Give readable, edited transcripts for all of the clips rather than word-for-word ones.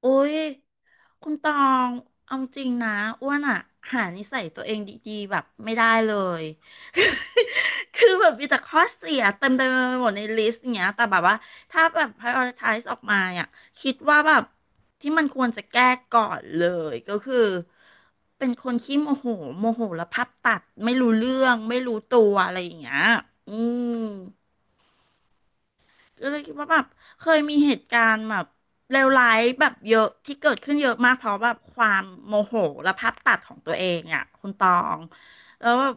โอ้ย คุณตอง เอาจริงนะอ้วนอะหานิสัยตัวเองดีๆแบบไม่ได้เลย คือแบบมีแต่ข้อเสียเต็มไปหมดในลิสต์อย่างเงี้ยแต่แบบว่าถ้าแบบ prioritize ออกมาอ่ะคิดว่าแบบที่มันควรจะแก้ก่อนเลยก็คือเป็นคนขี้โมโหโมโหแล้วพับตัดไม่รู้เรื่องไม่รู้ตัวอะไรอย่างเงี้ยอืม ก็เลยคิดว่าแบบเคยมีเหตุการณ์แบบเลวร้ายแบบเยอะที่เกิดขึ้นเยอะมากเพราะแบบความโมโหและภาพตัดของตัวเองอ่ะคุณตองแล้วแบบ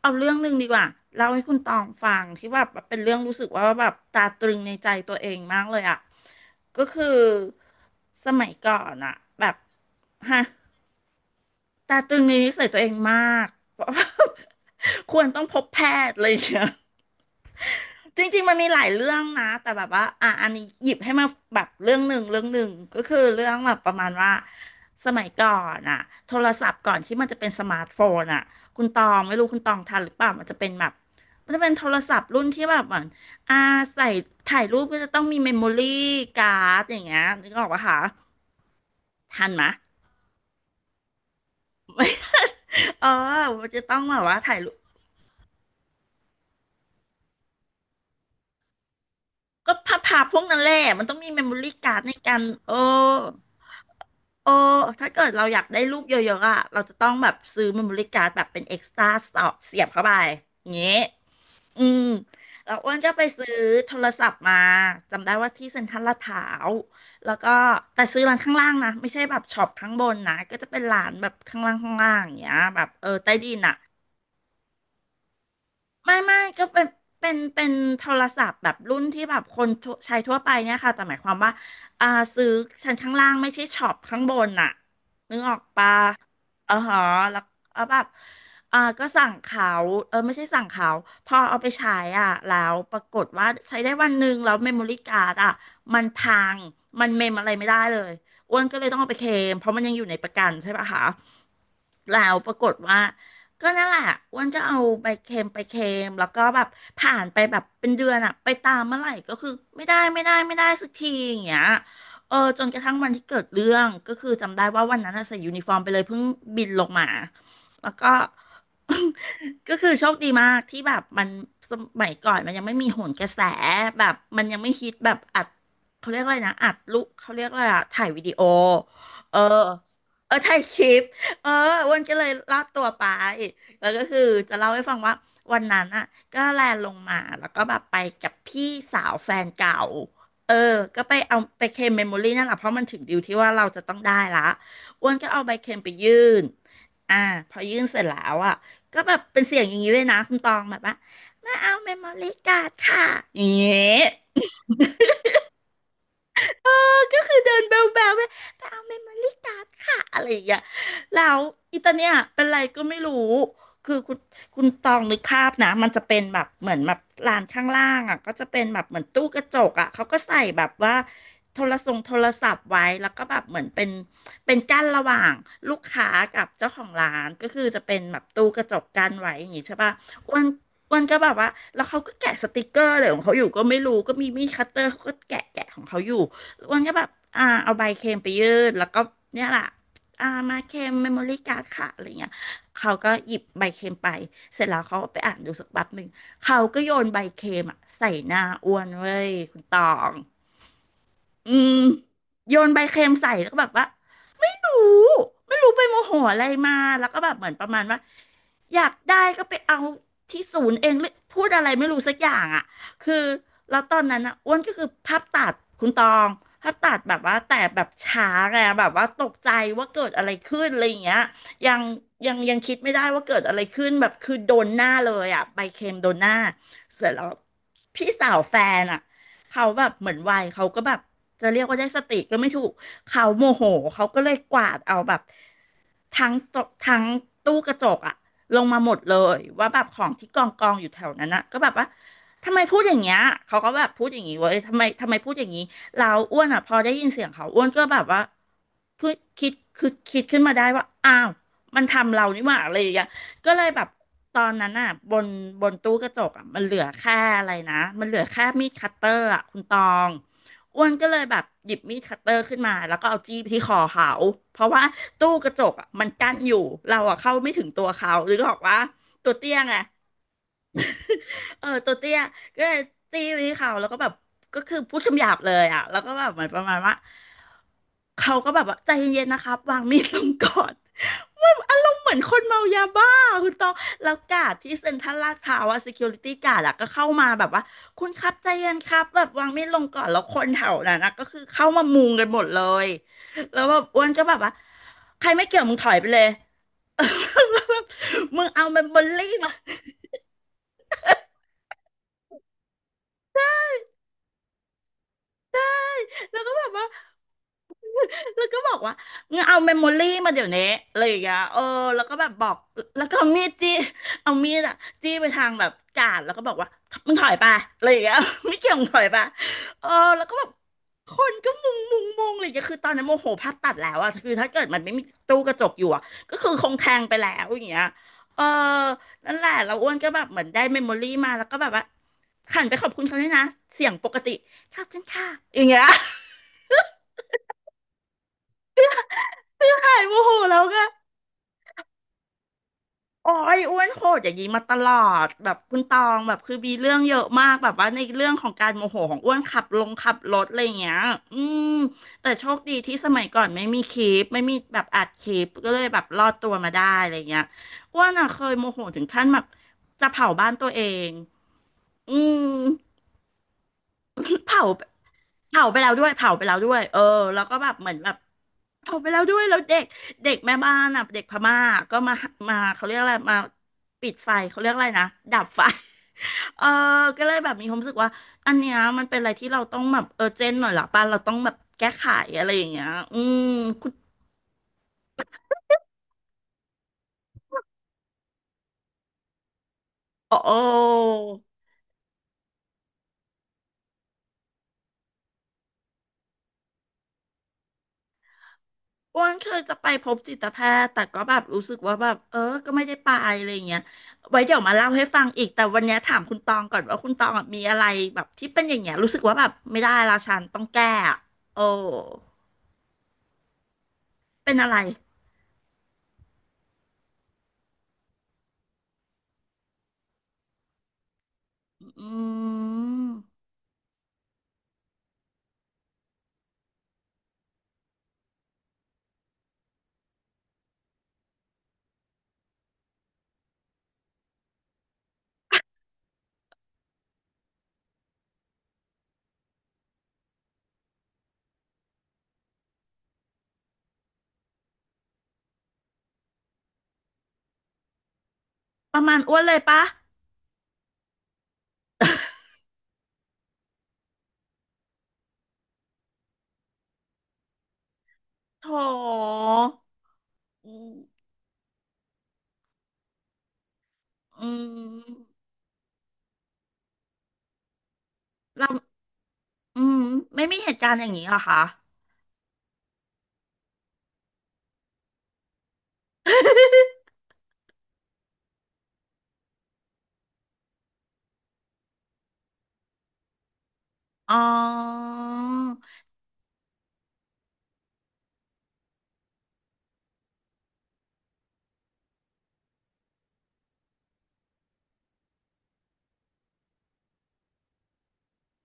เอาเรื่องหนึ่งดีกว่าเล่าให้คุณตองฟังที่แบบเป็นเรื่องรู้สึกว่าแบบตาตรึงในใจตัวเองมากเลยอ่ะก็คือสมัยก่อนอ่ะแบบฮะตาตรึงในนิสัยตัวเองมาก ควรต้องพบแพทย์อะไรอย่างเงี้ย จริงๆ มันมีหลายเรื่องนะแต่แบบว่า อ่ะอันนี้หยิบให้มาแบบเรื่องหนึ่งก็คือเรื่องแบบประมาณว่าสมัยก่อนอ่ะโทรศัพท์ก่อนที่มันจะเป็นสมาร์ทโฟนอ่ะคุณตองไม่รู้คุณตองทันหรือเปล่ามันจะเป็นแบบมันจะเป็นโทรศัพท์รุ่นที่แบบเหมือนอ่าใส่ถ่ายรูปก็จะต้องมีเมมโมรี่การ์ดอย่างเงี้ยนึกออกปะคะทันไหมะ ไม่ เออมันจะต้องแบบว่าถ่ายรูปก็พับๆพวกนั้นแหละมันต้องมีเมมโมรี่การ์ดในการเออ โอ้ถ้าเกิดเราอยากได้รูปเยอะๆอ่ะเราจะต้องแบบซื้อเมมโมรี่การ์ดแบบเป็นเอ็กซ์ตร้าเสียบเข้าไปอย่างเงี้ยอืมแล้วอ้วนก็ไปซื้อโทรศัพท์มาจำได้ว่าที่เซ็นทรัลลาดพร้าวแล้วก็แต่ซื้อร้านข้างล่างนะไม่ใช่แบบช็อปข้างบนนะ ก็จะเป็นร้านแบบข้างล่างอย่างเงี้ยแบบเออใต้ดินอ่ะ ไม่ก็เป็นโทรศัพท์แบบรุ่นที่แบบคนทั่วใช้ทั่วไปเนี่ยค่ะแต่หมายความว่าอ่าซื้อชั้นข้างล่างไม่ใช่ช็อปข้างบนน่ะนึกออกปะเออฮะแล้วเอาแบบก็สั่งเขาเออไม่ใช่สั่งเขาพอเอาไปใช้อ่ะแล้วปรากฏว่าใช้ได้วันหนึ่งแล้วเมมโมรี่การ์ดอ่ะมันพังมันเมมอะไรไม่ได้เลยอ้วนก็เลยต้องเอาไปเคลมเพราะมันยังอยู่ในประกันใช่ปะคะแล้วปรากฏว่า ก็นั่นแหละอ้วนก็เอาไปเค็มไปเค็มแล้วก็แบบผ่านไปแบบเป็นเดือนอะไปตามเมื่อไหร่ก็คือไม่ได้สักทีอย่างเงี้ยเออจนกระทั่งวันที่เกิดเรื่องก็คือจำได้ว่าวันนั้นอะใส่ยูนิฟอร์มไปเลยเพิ่งบินลงมาแล้วก็ ก็คือโชคดีมากที่แบบมันสมัยก่อนมันยังไม่มีโหนกระแสแบบมันยังไม่ฮิตแบบอัดเขาเรียกอะไรนะอัดลูกเขาเรียกอะไรอะถ่ายวิดีโอเออเออถ่ายคลิป เอออ้วันก็เลยลากตัวไปแล้วก็คือจะเล่าให้ฟังว่าวันนั้นอ่ะก็แลนลงมาแล้วก็แบบไปกับพี่สาวแฟนเก่าเออก็ไปเอาไปเคลมเมมโมรี่นั่นแหละเพราะมันถึงดิวที่ว่าเราจะต้องได้ละอ้วนก็เอาใบเคลมไปยื่นอ่าพอยื่นเสร็จแล้วอ่ะก็แบบเป็นเสียงอย่างนี้เลยนะคุณตองแบบว่ามาเอาเมมโมรี่การ์ดค่ะอย่างเงี้ย ก็คือเดินแบวแบวไปไปเอาเมมโมรี่การ์ดค่ะอะไรอย่างเงี้ยแล้วอีตาเนี่ยเป็นไรก็ไม่รู้ คือคุณตองนึกภาพนะมันจะเป็นแบบเหมือนแบบลานข้างล่างอ่ะก็จะเป็นแบบเหมือนตู้กระจกอ่ะเขาก็ใส่แบบว่าโทรศัพท์ไว้แล้วก็แบบเหมือนเป็นกั้นระหว่างลูกค้ากับเจ้าของร้าน ก็คือจะเป็นแบบตู้กระจกกั้นไว้อย่างงี้ใช่ป่ะอ้วนอ้วนก็แบบว่าแล้วเขาก็แกะสติกเกอร์อะไรของเขาอยู่ก็ไม่รู้ก็มีมีดคัตเตอร์เขาก็แกะของเขาอยู่ อ้วนก็แบบเอาใบเค็มไปยื่นแล้วก็เนี่ยแหละมาเค็มเมมโมรี่การ์ดค่ะอะไรเงี้ยเขาก็หยิบใบเค็มไป เสร็จแล้วเขาก็ไปอ่านดูสักแป๊บหนึ่ง เขาก็โยนใบเค็มอะใส่หน้าอ้วนเว้ยคุณตอง อืมโยนใบเค็มใส่แล้วก็แบบว่าไม่รู้ไม่รู้ไปโมโหอะไรมาแล้วก็แบบเหมือนประมาณว่าอยากได้ก็ไปเอาที่ศูนย์เองหรือพูดอะไรไม่รู้สักอย่างอ่ะคือแล้วตอนนั้นอ่ะอ้วนก็คือภาพตัดคุณตองภาพตัดแบบว่าแต่แบบช้าไงแบบว่าตกใจว่าเกิดอะไรขึ้นอะไรอย่างเงี้ยยังยังคิดไม่ได้ว่าเกิดอะไรขึ้นแบบคือโดนหน้าเลยอ่ะใบเค็มโดนหน้าเสร็จแล้วพี่สาวแฟนอ่ะ เขาแบบเหมือนวัยเขาก็แบบจะเรียกว่าได้สติก็ไม่ถูกเขาโมโหเขาก็เลยกวาดเอาแบบทั้งตทั้งตู้กระจกอะลงมาหมดเลยว่าแบบของที่กองกองอยู่แถวนั้นนะก็แบบว่าทำไมพูดอย่างเงี้ยเขาก็แบบพูดอย่างงี้เว้ยทำไมพูดอย่างงี้เราอ้วนอ่ะพอได้ยินเสียงเขาอ้วนก็แบบว่าคือคือคิดขึ้นมาได้ว่าอ้าวมันทำเรานี่หว่าอะไรอย่างเงี้ย ก็เลยแบบตอนนั้นอ่ะบนตู้กระจกอ่ะมันเหลือแค่อะไรนะมันเหลือแค่มีดคัตเตอร์อ่ะคุณตองอ้วนก็เลยแบบหยิบมีดคัตเตอร์ขึ้นมาแล้วก็เอาจี้ไปที่คอเขาเพราะว่าตู้กระจกอ่ะมันกั้นอยู่เราอ่ะเข้าไม่ถึงตัวเขาหรือบอกว่าตัวเตี้ยไง เออตัวเตี้ยก็เลยตีไปที่เขาแล้วก็แบบก็คือพูดคำหยาบเลยอ่ะแล้วก็แบบเหมือนประมาณว่าเขาก็แบบว่าใจเย็นๆนะครับวางมีดลงก่อนมันอารมณ์เหมือนคนเมายาบ้าคุณตองแล้วกาดที่เซ็นทรัลลาดพร้าวอะ security guard อะก็เข้ามาแบบว่าคุณครับใจเย็นครับแบบวางมีดลงก่อนแล้วคนแถวนั้นนะก็คือเข้ามามุงกันหมดเลยแล้วแบบอ้วนก็แบบว่าใครไม่เกี่ยวมึงถอยไปเลย มึงเอาเมมโมรี่มา แล้วก็แบบว่า แล้วก็บอกว่างั้นเอาเมมโมรี่มาเดี๋ยวนี้อะไรอย่างเงี้ยเออแล้วก็แบบบอกแล้วก็เอามีดจี้ เอามีดอะจี้ไปทางแบบกาดแล้วก็บอกว่ามึงถอยไปอะไรอย่างเงี้ย ไม่เกี่ยวมึงถอยไปเออแล้วก็แบบคนก็มุงอะไรอย่างเี้ยก็คือตอนนั้นโมโหพัดตัดแล้วอะคือถ้าเกิดมันไม่มีตู้กระจกอยู่อะก็คือคงแทงไปแล้วอย่างเงี้ยเออนั่นแหละเราอ้วนก็แบบเหมือนได้เมมโมรี่มาแล้วก็แบบว่าหันไปขอบคุณเขาด้วยนะเสียงปกติขอบคุณค่ะอย่างเงี้ย ใช่โมโหแล้วก็โอ้ยอ้วนโหดอย่างนี้มาตลอดแบบคุณตองแบบคือมีเรื่องเยอะมากแบบว่าในเรื่องของการโมโหของอ้วนขับลงขับรถอะไรอย่างเงี้ยอืมแต่โชคดีที่สมัยก่อนไม่มีคลิปไม่มีแบบอัดคลิปก็เลยแบบรอดตัวมาได้อะไรอย่างเงี้ยอ้วนอ่ะเคยโมโหถึงขั้นแบบจะเผาบ้านตัวเองอืม เผาเผาไปแล้วด้วยเผาไปแล้วด้วยเออแล้วก็แบบเหมือนแบบเผาไปแล้วด้วยแล้วเด็กเด็กแม่บ้านอ่ะเด็กพม่าก็มาเขาเรียกอะไรมาปิดไฟเขาเรียกอะไรนะดับไฟ เออก็เลยแบบมีความรู้สึกว่าอันเนี้ยมันเป็นอะไรที่เราต้องแบบเออเจนหน่อยละป่ะเราต้องแบบแก้ไขอะไรอย่างเงี้ยอืมคุณโอ้ อ้วนเคยจะไปพบจิตแพทย์แต่ก็แบบรู้สึกว่าแบบเออก็ไม่ได้ไปอะไรอย่างเงี้ยไว้เดี๋ยวมาเล่าให้ฟังอีกแต่วันเนี้ยถามคุณตองก่อนว่าคุณตองอะมีอะไรแบบที่เป็นอย่างเงี้ยรู้สึกว่าแบบไม่ได้ละฉันต้องแก้อะโอ้เป็นอะไรอืมประมาณอ้วนเลยปะโถอืมอืมเราอืมไม่มีเหตุการณ์อย่างนี้เหรอคะอ๋อ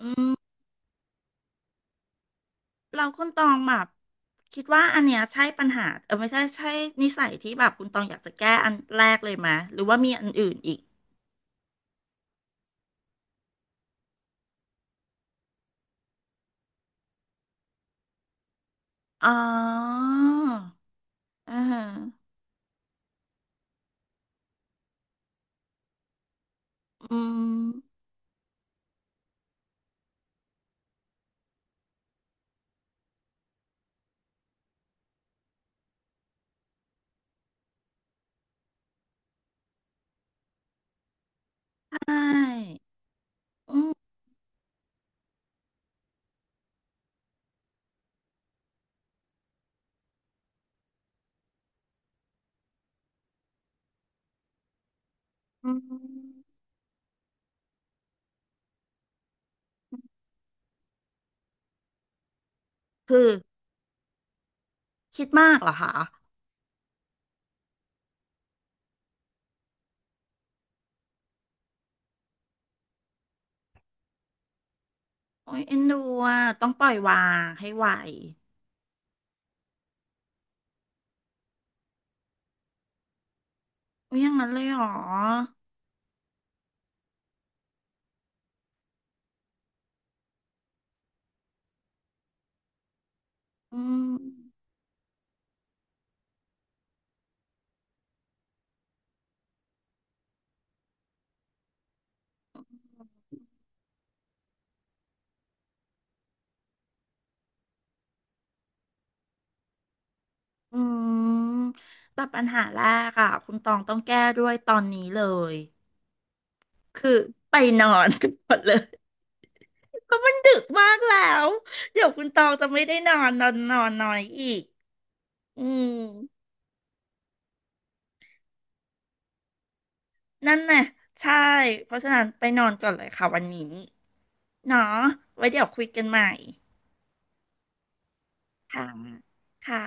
อืม เราคุณตองแบบคิดว่าอันเนี้ยใช่ปัญหาเออไม่ใช่ใช่นิสัยที่แบบคุณตองอยากจะแก้อันแรกเลยไหมหรือว่ามีอันอื่นอีกอ๋ออ่าฮะอืมใช่อืมอืมคือคิดมากเหรอคะโอ้ยเอ็นดูอ่ะต้องปล่อยวางให้ไหวโอ้ยอย่างนั้นเลยเหรออืมอืมแต่ปัญหาแรกอ่ะคุณตองต้องแก้ด้วยตอนนี้เลย คือไปนอน กันหมดเลยเพราะมันดึกมากแล้วเดี๋ยวคุณตองจะไม่ได้นอนนอนนอนน้อยอีกอืมนั่นน่ะใช่เพราะฉะนั้นไปนอนก่อนเลยค่ะวันนี้เนาะไว้เดี๋ยวคุยกันใหม่ค่ะค่ะ